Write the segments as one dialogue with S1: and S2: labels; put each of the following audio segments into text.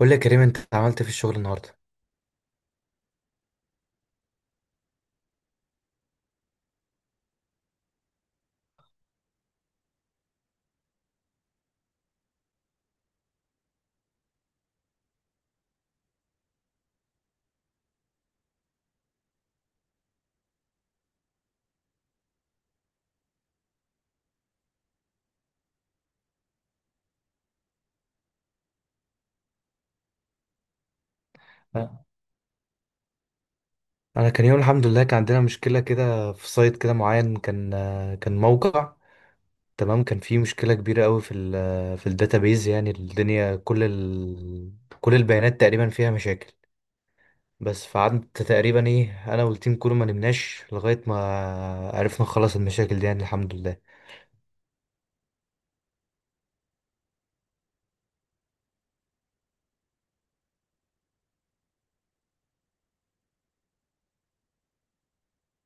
S1: قول لي يا كريم، انت عملت إيه في الشغل النهارده؟ آه. انا كان يوم الحمد لله. كان عندنا مشكله كده في سايت كده معين، كان موقع. تمام، كان فيه مشكله كبيره قوي في ال في الداتابيز. يعني الدنيا كل البيانات تقريبا فيها مشاكل. بس فقعدت تقريبا انا والتيم كله، ما نمناش لغايه ما عرفنا نخلص المشاكل دي، يعني الحمد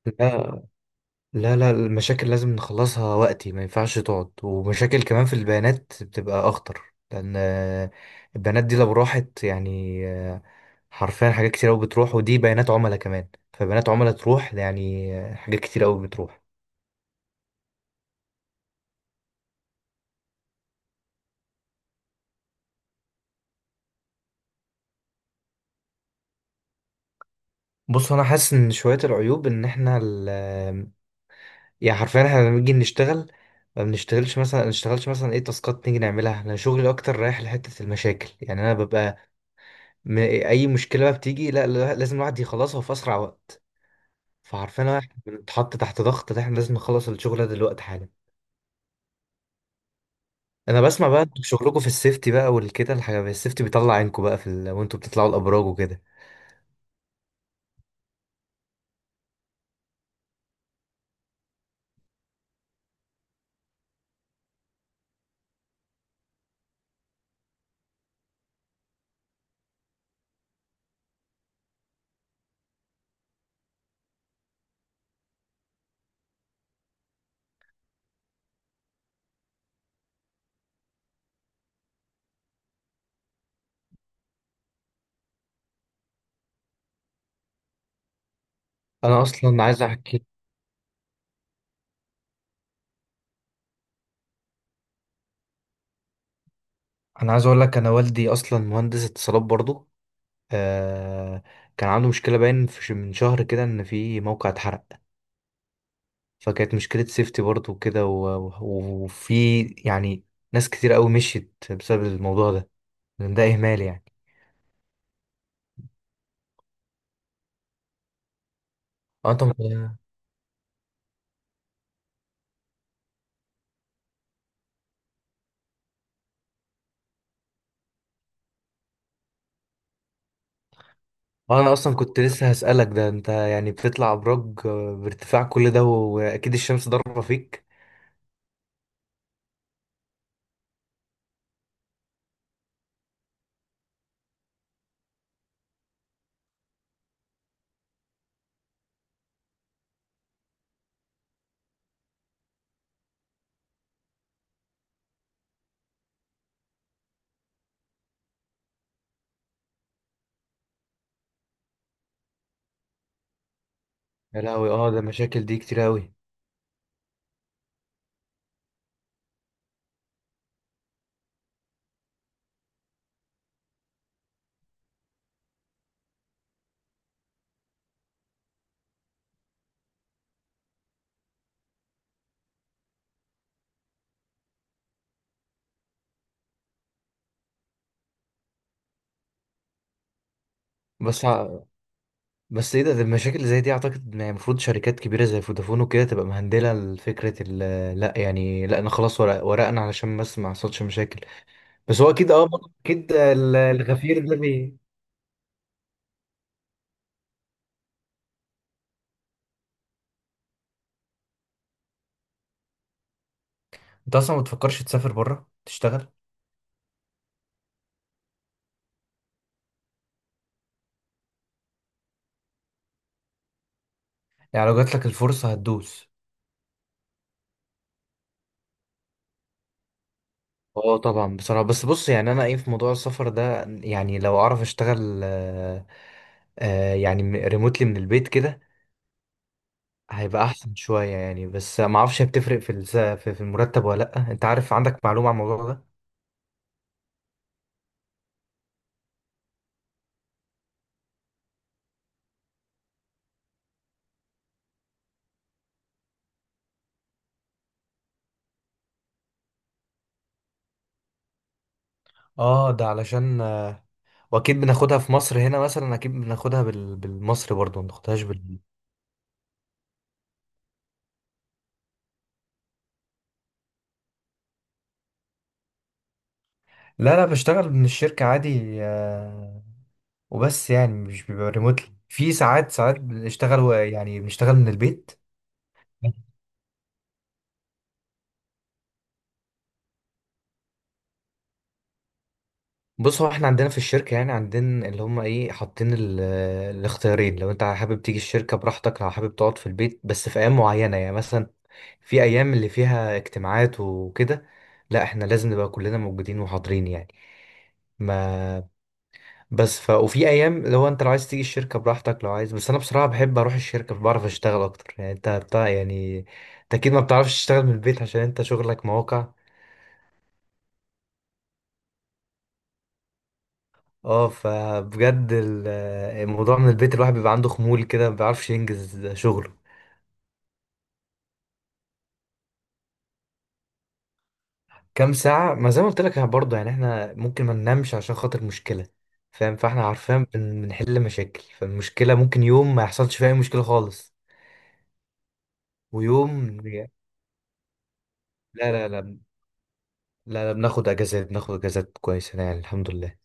S1: لله. لا، المشاكل لازم نخلصها وقتي، ما ينفعش تقعد. ومشاكل كمان في البيانات بتبقى اخطر، لان البيانات دي لو راحت يعني حرفيا حاجات كتير قوي بتروح، ودي بيانات عملاء كمان. فبيانات عملاء تروح، يعني حاجات كتير قوي بتروح. بص، انا حاسس ان شوية العيوب ان احنا يعني حرفيا احنا لما نيجي نشتغل، ما نشتغلش مثلا تاسكات نيجي نعملها. انا شغلي اكتر رايح لحتة المشاكل، يعني انا ببقى اي مشكلة بقى بتيجي، لازم الواحد يخلصها في اسرع وقت. فعارفين احنا بنتحط تحت ضغط، ده احنا لازم نخلص الشغل ده دلوقتي حالا. انا بسمع بقى انتوا شغلكم في السيفتي بقى والكده الحاجه، السيفتي بيطلع عينكم بقى في وانتوا بتطلعوا الابراج وكده. انا اصلا عايز احكي، انا عايز اقول لك، انا والدي اصلا مهندس اتصالات برضو. آه... كان عنده مشكله باين في من شهر كده، ان في موقع اتحرق. فكانت مشكله سيفتي برضو وكده وفي ناس كتير قوي مشيت بسبب الموضوع ده، لأن ده اهمال يعني. اه انت انا اصلا كنت لسه هسألك ده، انت يعني بتطلع ابراج بارتفاع كل ده، واكيد الشمس ضاربه فيك. يا لهوي، اه، ده المشاكل دي كتير قوي. بس ع- بس ايه ده، ده المشاكل اللي زي دي اعتقد إن يعني المفروض شركات كبيره زي فودافون وكده تبقى مهندله لفكره لا يعني، لا انا خلاص ورق ورقنا علشان بس ما حصلش مشاكل. بس هو اكيد، اه برضه اكيد الغفير ده انت اصلا ما بتفكرش تسافر بره تشتغل؟ يعني لو جات لك الفرصه هتدوس؟ اه طبعا بصراحة. بس بص، يعني انا في موضوع السفر ده، يعني لو اعرف اشتغل يعني ريموتلي من البيت كده هيبقى احسن شوية يعني. بس ما اعرفش بتفرق في في المرتب ولا لا؟ انت عارف، عندك معلومة عن الموضوع ده؟ اه، ده علشان واكيد بناخدها في مصر هنا مثلا، اكيد بناخدها بالمصري برضه، ما بناخدهاش بال... لا بشتغل من الشركة عادي. آه، وبس يعني مش بيبقى ريموتلي، في ساعات بنشتغل يعني بنشتغل من البيت. بص، هو احنا عندنا في الشركة يعني عندنا اللي هم حاطين الاختيارين. لو انت حابب تيجي الشركة براحتك، لو حابب تقعد في البيت. بس في ايام معينة، يعني مثلا في ايام اللي فيها اجتماعات وكده، لا احنا لازم نبقى كلنا موجودين وحاضرين يعني. ما بس وفي ايام لو انت لو عايز تيجي الشركة براحتك لو عايز. بس انا بصراحة بحب اروح الشركة، بعرف اشتغل اكتر يعني. انت بتاع يعني، انت اكيد ما بتعرفش تشتغل من البيت عشان انت شغلك مواقع. اه، فبجد الموضوع من البيت، الواحد بيبقى عنده خمول كده، ما بيعرفش ينجز شغله. كام ساعة؟ ما زي ما قلت لك، احنا برضه يعني احنا ممكن ما ننامش عشان خاطر مشكلة. فاهم؟ فاحنا عارفين بنحل مشاكل، فالمشكلة ممكن يوم ما يحصلش فيها أي مشكلة خالص، ويوم لا، لا، لا، لا، لا، بناخد اجازات، بناخد اجازات كويسة يعني الحمد لله.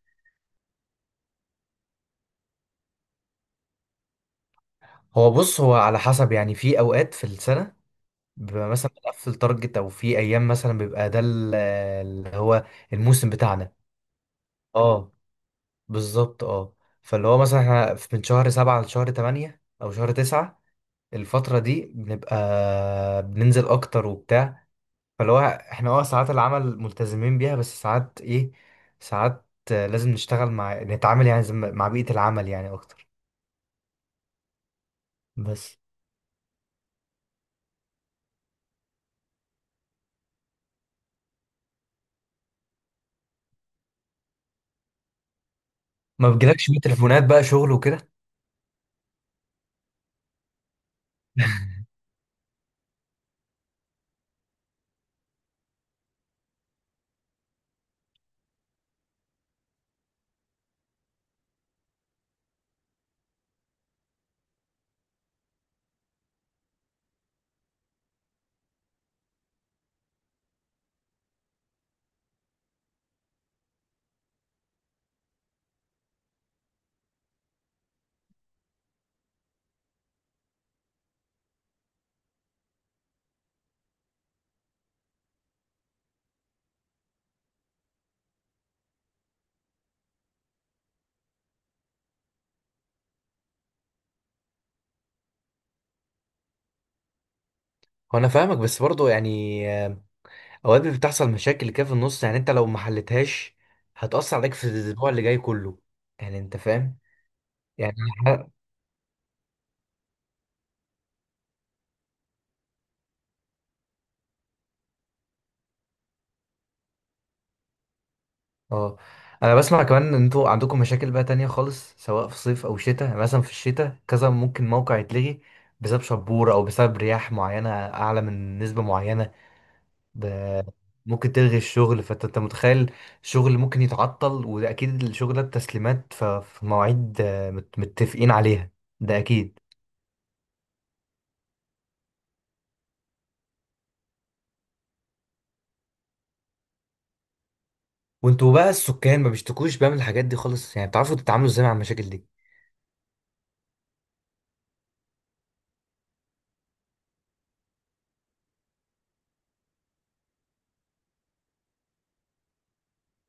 S1: هو بص، هو على حسب يعني. في اوقات في السنة بيبقى مثلا بنقفل تارجت، او في ايام مثلا بيبقى ده اللي هو الموسم بتاعنا. اه، بالظبط، اه. فاللي هو مثلا احنا من شهر سبعة لشهر تمانية أو شهر تسعة، الفترة دي بنبقى بننزل أكتر وبتاع. فاللي هو احنا اه، ساعات العمل ملتزمين بيها، بس ساعات ساعات لازم نشتغل مع نتعامل، يعني زي ما- مع بيئة العمل يعني أكتر. بس ما بيجيلكش بقى تليفونات بقى شغل وكده؟ هو انا فاهمك، بس برضه يعني اوقات بتحصل مشاكل كده في النص، يعني انت لو ما حلتهاش هتأثر عليك في الاسبوع اللي جاي كله، يعني انت فاهم يعني. اه، انا بسمع كمان ان انتوا عندكم مشاكل بقى تانية خالص، سواء في صيف او شتاء. يعني مثلا في الشتاء كذا ممكن موقع يتلغي بسبب شبورة او بسبب رياح معينة اعلى من نسبة معينة. ب... ممكن تلغي الشغل. فانت متخيل، الشغل ممكن يتعطل. وده اكيد الشغل ده التسليمات في مواعيد متفقين عليها، ده اكيد. وانتوا بقى السكان ما بيشتكوش بقى من الحاجات دي خالص يعني؟ بتعرفوا تتعاملوا ازاي مع المشاكل دي؟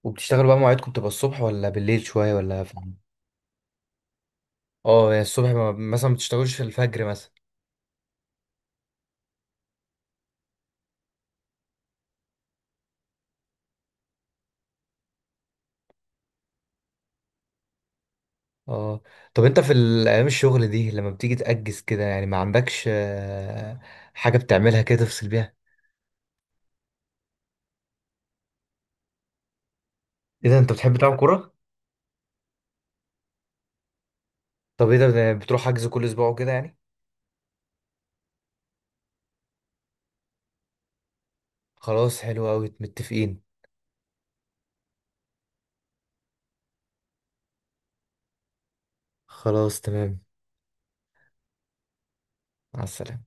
S1: وبتشتغلوا بقى، مواعيدكم بتبقى الصبح ولا بالليل شوية ولا؟ اه يعني الصبح، ما مثلا ما بتشتغلش في الفجر مثلا؟ اه. طب انت في ايام الشغل دي لما بتيجي تأجز كده، يعني ما عندكش حاجة بتعملها كده تفصل بيها؟ ايه ده، انت بتحب تلعب كورة؟ طب ايه ده، ده بتروح حجز كل اسبوع وكده يعني؟ خلاص، حلو قوي، متفقين. خلاص تمام. مع السلامة.